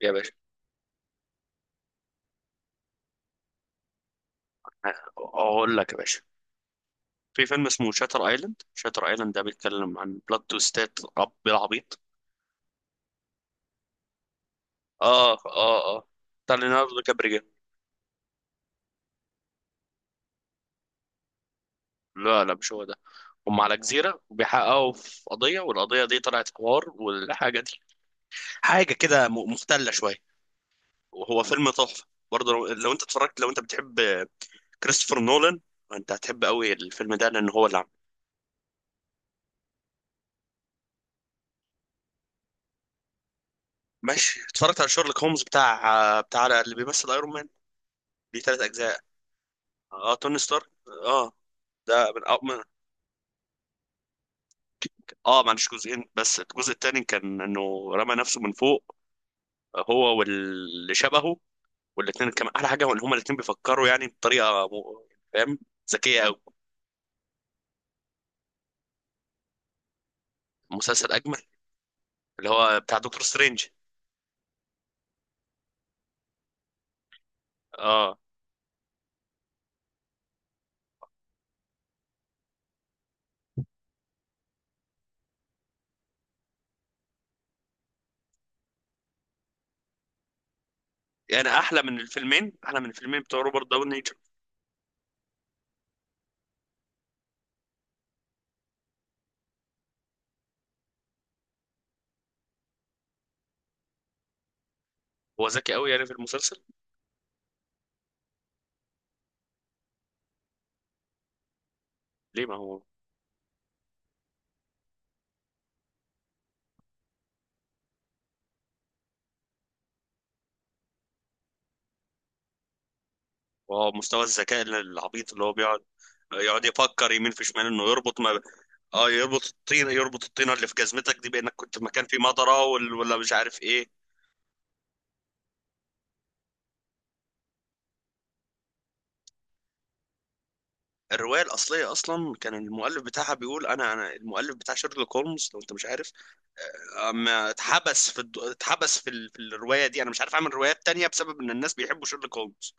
يا باشا، اقول لك يا باشا، في فيلم اسمه شاتر ايلاند. شاتر ايلاند ده بيتكلم عن بلوت تويستات رب العبيط. اه، اه، اه. بتاع ليوناردو كابريجا. لا، لا، مش هو ده. هم على جزيرة وبيحققوا في قضية، والقضية دي طلعت حوار، والحاجة دي حاجة كده مختلة شوية، وهو فيلم تحفة. برضه لو انت اتفرجت، لو انت بتحب كريستوفر نولان، انت هتحب قوي الفيلم ده لان هو اللي عامله. ماشي، اتفرجت على شيرلوك هومز بتاع اللي بيمثل ايرون مان. دي ثلاث اجزاء. اه، توني ستارك. اه. ده من أو من. اه، ما عنديش جزئين، بس الجزء الثاني كان انه رمى نفسه من فوق، هو واللي شبهه. والاثنين كان احلى حاجه ان هما الاثنين بيفكروا يعني بطريقه فاهم، ذكيه قوي. مسلسل اجمل، اللي هو بتاع دكتور سترينج. اه، يعني احلى من الفيلمين، احلى من الفيلمين بتوع روبرت داوني جر. هو ذكي قوي يعني في المسلسل. ليه؟ ما هو هو مستوى الذكاء العبيط اللي هو بيقعد يقعد يفكر يمين في شمال، انه يربط ما. اه يربط الطين، يربط الطينه اللي في جزمتك دي بانك كنت في مكان فيه مطره، ولا مش عارف ايه. الروايه الاصليه اصلا كان المؤلف بتاعها بيقول: انا المؤلف بتاع شيرلوك هولمز، لو انت مش عارف. اما اتحبس في الد... اتحبس في, ال... في الروايه دي انا مش عارف اعمل روايات تانية بسبب ان الناس بيحبوا شيرلوك هولمز.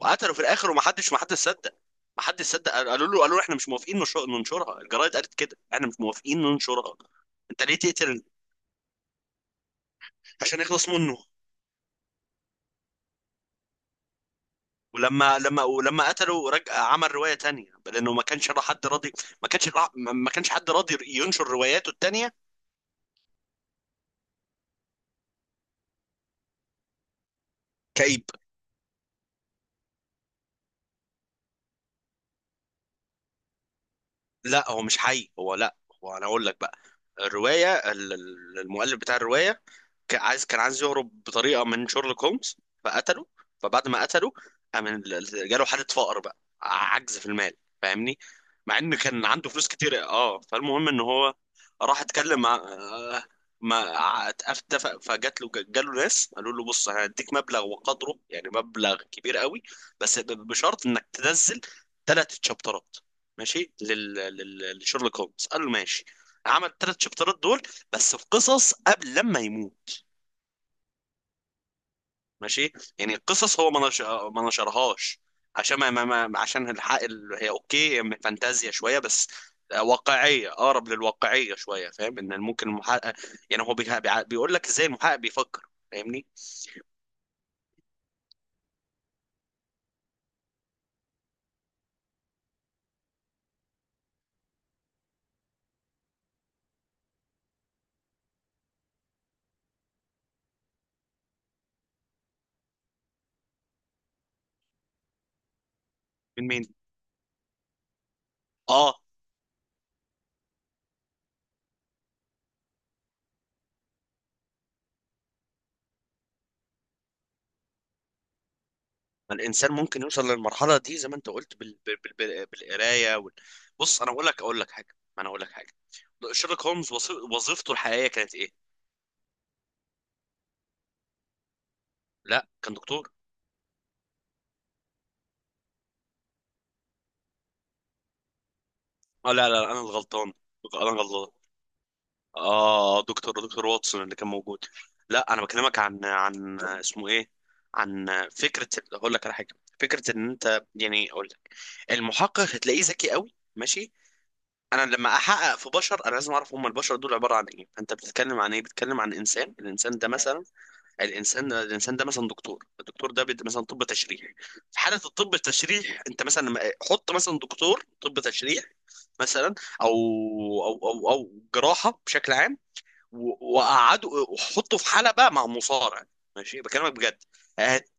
وقتلوا في الاخر، ومحدش صدق. محدش صدق، قالوا له احنا مش موافقين ننشرها. الجرايد قالت كده: احنا مش موافقين ننشرها. انت ليه تقتل؟ عشان يخلص منه. ولما قتله رجع عمل رواية تانية لأنه ما كانش حد راضي. ما كانش حد راضي ينشر رواياته التانية. كئيب. لا، هو مش حي، هو لا. هو، أنا أقول لك بقى، الرواية المؤلف بتاع الرواية كان عايز يهرب بطريقه من شيرلوك هولمز فقتله. فبعد ما قتله قام جاله حاله فقر، بقى عجز في المال. فاهمني؟ مع ان كان عنده فلوس كتير. اه، فالمهم ان هو راح اتكلم مع، ما اتفق. فجات له، جاله ناس قالوا له: بص، انا هديك مبلغ وقدره، يعني مبلغ كبير قوي، بس بشرط انك تنزل ثلاث شابترات. ماشي لشيرلوك هولمز. قال له ماشي. عمل ثلاث شابترات دول، بس في قصص قبل لما يموت. ماشي. يعني القصص هو ما نشرهاش عشان عشان الحق هي اوكي، من فانتازيا شويه بس، واقعيه، اقرب للواقعيه شويه. فاهم ان ممكن المحقق، يعني هو بيقول لك ازاي المحقق بيفكر. فاهمني؟ من مين؟ اه. ما الانسان ممكن يوصل للمرحله دي زي ما انت قلت بالقرايه بص، انا اقول لك حاجه، ما انا اقول لك حاجه. شيرلوك هولمز وظيفته الحقيقيه كانت ايه؟ لا، كان دكتور. اه، لا لا لا، انا الغلطان. انا غلطان. اه، دكتور واتسون اللي كان موجود. لا، انا بكلمك عن اسمه ايه، عن فكره. اقول لك على حاجه. فكره ان انت، يعني اقول لك، المحقق هتلاقيه ذكي قوي. ماشي، انا لما احقق في بشر، انا لازم اعرف هم البشر دول عباره عن ايه. فانت بتتكلم عن ايه؟ بتتكلم عن انسان. الانسان ده مثلا، الانسان الانسان ده مثلا دكتور، الدكتور ده مثلا طب تشريح. في حاله الطب التشريح، انت مثلا حط مثلا دكتور طب تشريح، مثلا، او جراحه بشكل عام، وقعدوا وحطوا في حلبة مع مصارع. ماشي، بكلمك بجد. هات.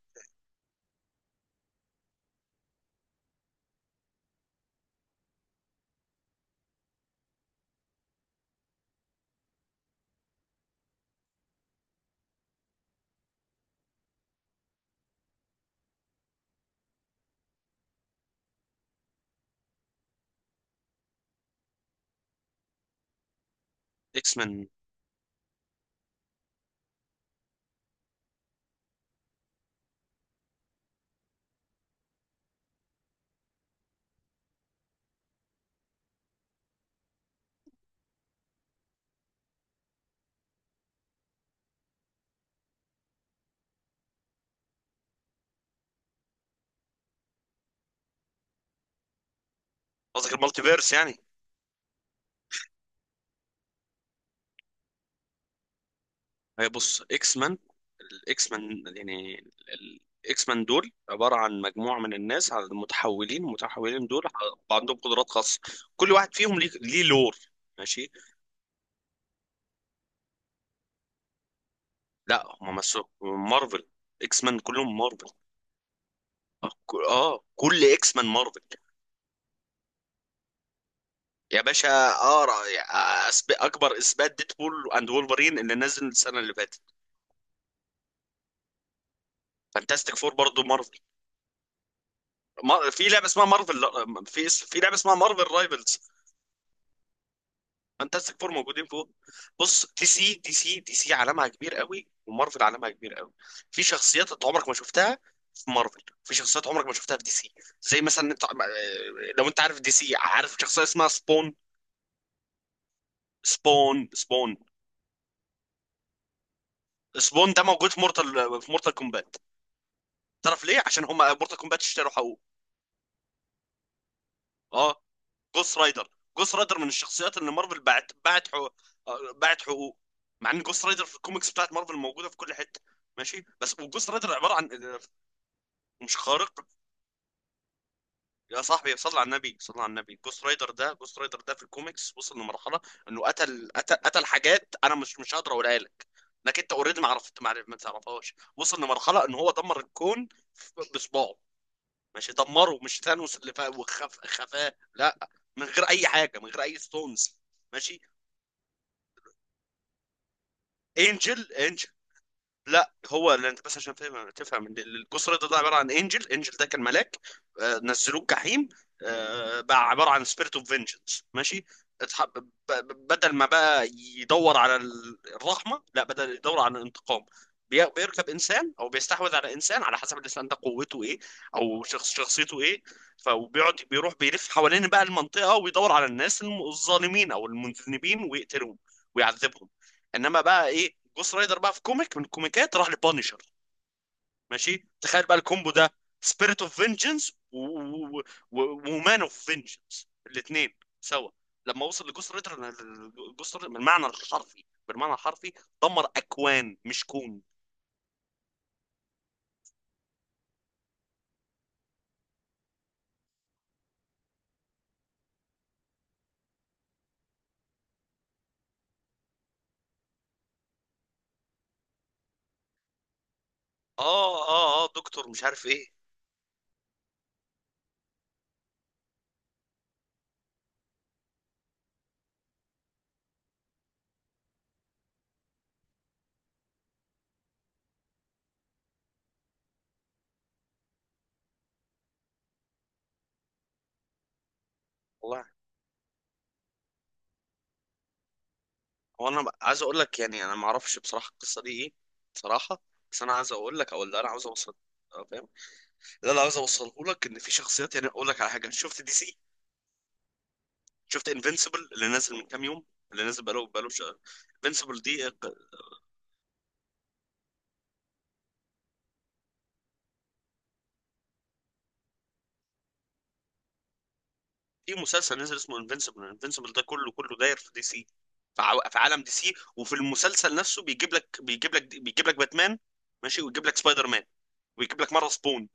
اكس مان؟ قصدك المالتي فيرس يعني. هي بص، اكس مان، الاكس مان يعني الاكس مان دول عبارة عن مجموعة من الناس، على المتحولين. المتحولين دول عندهم قدرات خاصة، كل واحد فيهم ليه لور. ماشي، لا، هم مسوا مارفل. اكس مان كلهم مارفل. اه، كل اكس مان مارفل. يا باشا اقرا، اكبر اثبات ديدبول اند وولفرين اللي نزل السنه اللي فاتت. فانتاستيك فور برضه مارفل. في لعبه اسمها مارفل، في لعبه اسمها مارفل رايفلز، فانتاستيك فور موجودين فوق. بص، دي سي عالمها كبير قوي، ومارفل عالمها كبير قوي. في شخصيات انت عمرك ما شفتها في مارفل، في شخصيات عمرك ما شفتها في دي سي. زي مثلا انت، لو انت عارف دي سي، عارف شخصيه اسمها سبون؟ سبون، سبون. سبون ده موجود في مورتال، في مورتال كومبات. تعرف ليه؟ عشان هم مورتال كومبات اشتروا حقوق. اه، جوست رايدر. جوست رايدر من الشخصيات اللي مارفل باعت حقوق، باعت حقوق، مع ان جوست رايدر في الكوميكس بتاعت مارفل موجوده في كل حته. ماشي، بس وجوست رايدر عباره عن، مش خارق؟ يا صاحبي صلى على النبي، صلى على النبي، جوست رايدر ده، جوست رايدر ده في الكوميكس وصل لمرحله انه قتل، قتل، قتل حاجات انا مش مش هقدر اقولها لك، لكن انت اوريدي ما عرفت، ما تعرفهاش. وصل لمرحله ان هو دمر الكون بصباعه. ماشي، دمره. مش ثانوس اللي فا وخف خفاه، لا. من غير اي حاجه، من غير اي ستونز. ماشي. انجل، انجل. لا، هو اللي انت، بس عشان تفهم، تفهم إن الجسر ده عباره عن، انجل، انجل ده كان ملاك، نزلوه جحيم، بقى عباره عن سبيريت اوف فينجنس. ماشي، بدل ما بقى يدور على الرحمه، لا، بدل يدور على الانتقام. بيركب انسان او بيستحوذ على انسان على حسب الانسان ده قوته ايه، او شخص شخصيته ايه. فبيقعد بيروح بيلف حوالين بقى المنطقه ويدور على الناس الظالمين او المذنبين ويقتلهم ويعذبهم. انما بقى ايه، جوست رايدر بقى في كوميك من الكوميكات راح لبانيشر. ماشي، تخيل بقى الكومبو ده: سبيريت اوف فينجنس ومان اوف فينجنس، الاثنين سوا. لما وصل لجوست رايدر، جوست رايدر بالمعنى الحرفي، بالمعنى الحرفي، دمر اكوان مش كون. اه، اه، اه، دكتور مش عارف ايه. والله، هو، انا عايز اقول لك يعني انا ما اعرفش بصراحه القصه دي ايه. بصراحه، بس انا عايز اقول لك او اللي انا عاوز اوصل، فاهم، اللي انا عاوز اوصله لك ان في شخصيات، يعني اقول لك على حاجه. شفت دي سي؟ شفت انفينسيبل اللي نازل من كام يوم، اللي نازل بقاله شهر؟ انفينسيبل دي، في مسلسل نازل اسمه انفينسيبل. انفينسيبل ده كله كله داير في دي سي، في عالم دي سي. وفي المسلسل نفسه بيجيب لك باتمان، ماشي، ويجيب لك سبايدر مان، ويجيب لك مره سبون.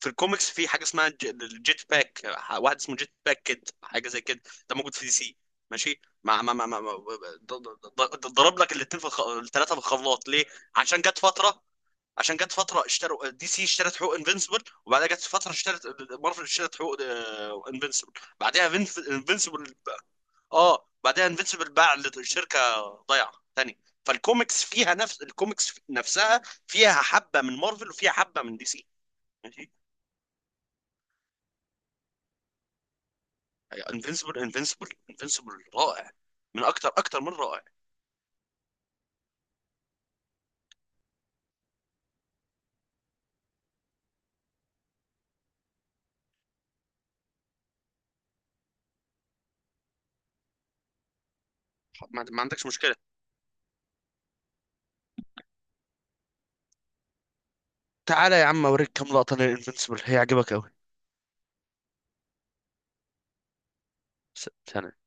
في الكوميكس في حاجه اسمها الجيت باك، واحد اسمه جيت باك كيد، حاجه زي كده. ده موجود في دي سي. ماشي، ضرب لك الاثنين في الثلاثه في الخلاط ليه؟ عشان جت فتره، اشتروا دي سي، اشترت حقوق انفنسبل. وبعدها جت فتره اشترت مارفل، اشترت حقوق انفنسبل. بعدها انفنسبل، اه، بعدها انفنسبل باع لشركه ضايعه تاني. فالكوميكس فيها، نفس الكوميكس نفسها فيها حبه من مارفل وفيها حبه من دي سي. ماشي، انفنسبل رائع، من اكتر، اكتر من رائع. ما عندكش مشكله. تعالى يا عم اوريك كام لقطه للانفنسبل، هيعجبك قوي. ثانية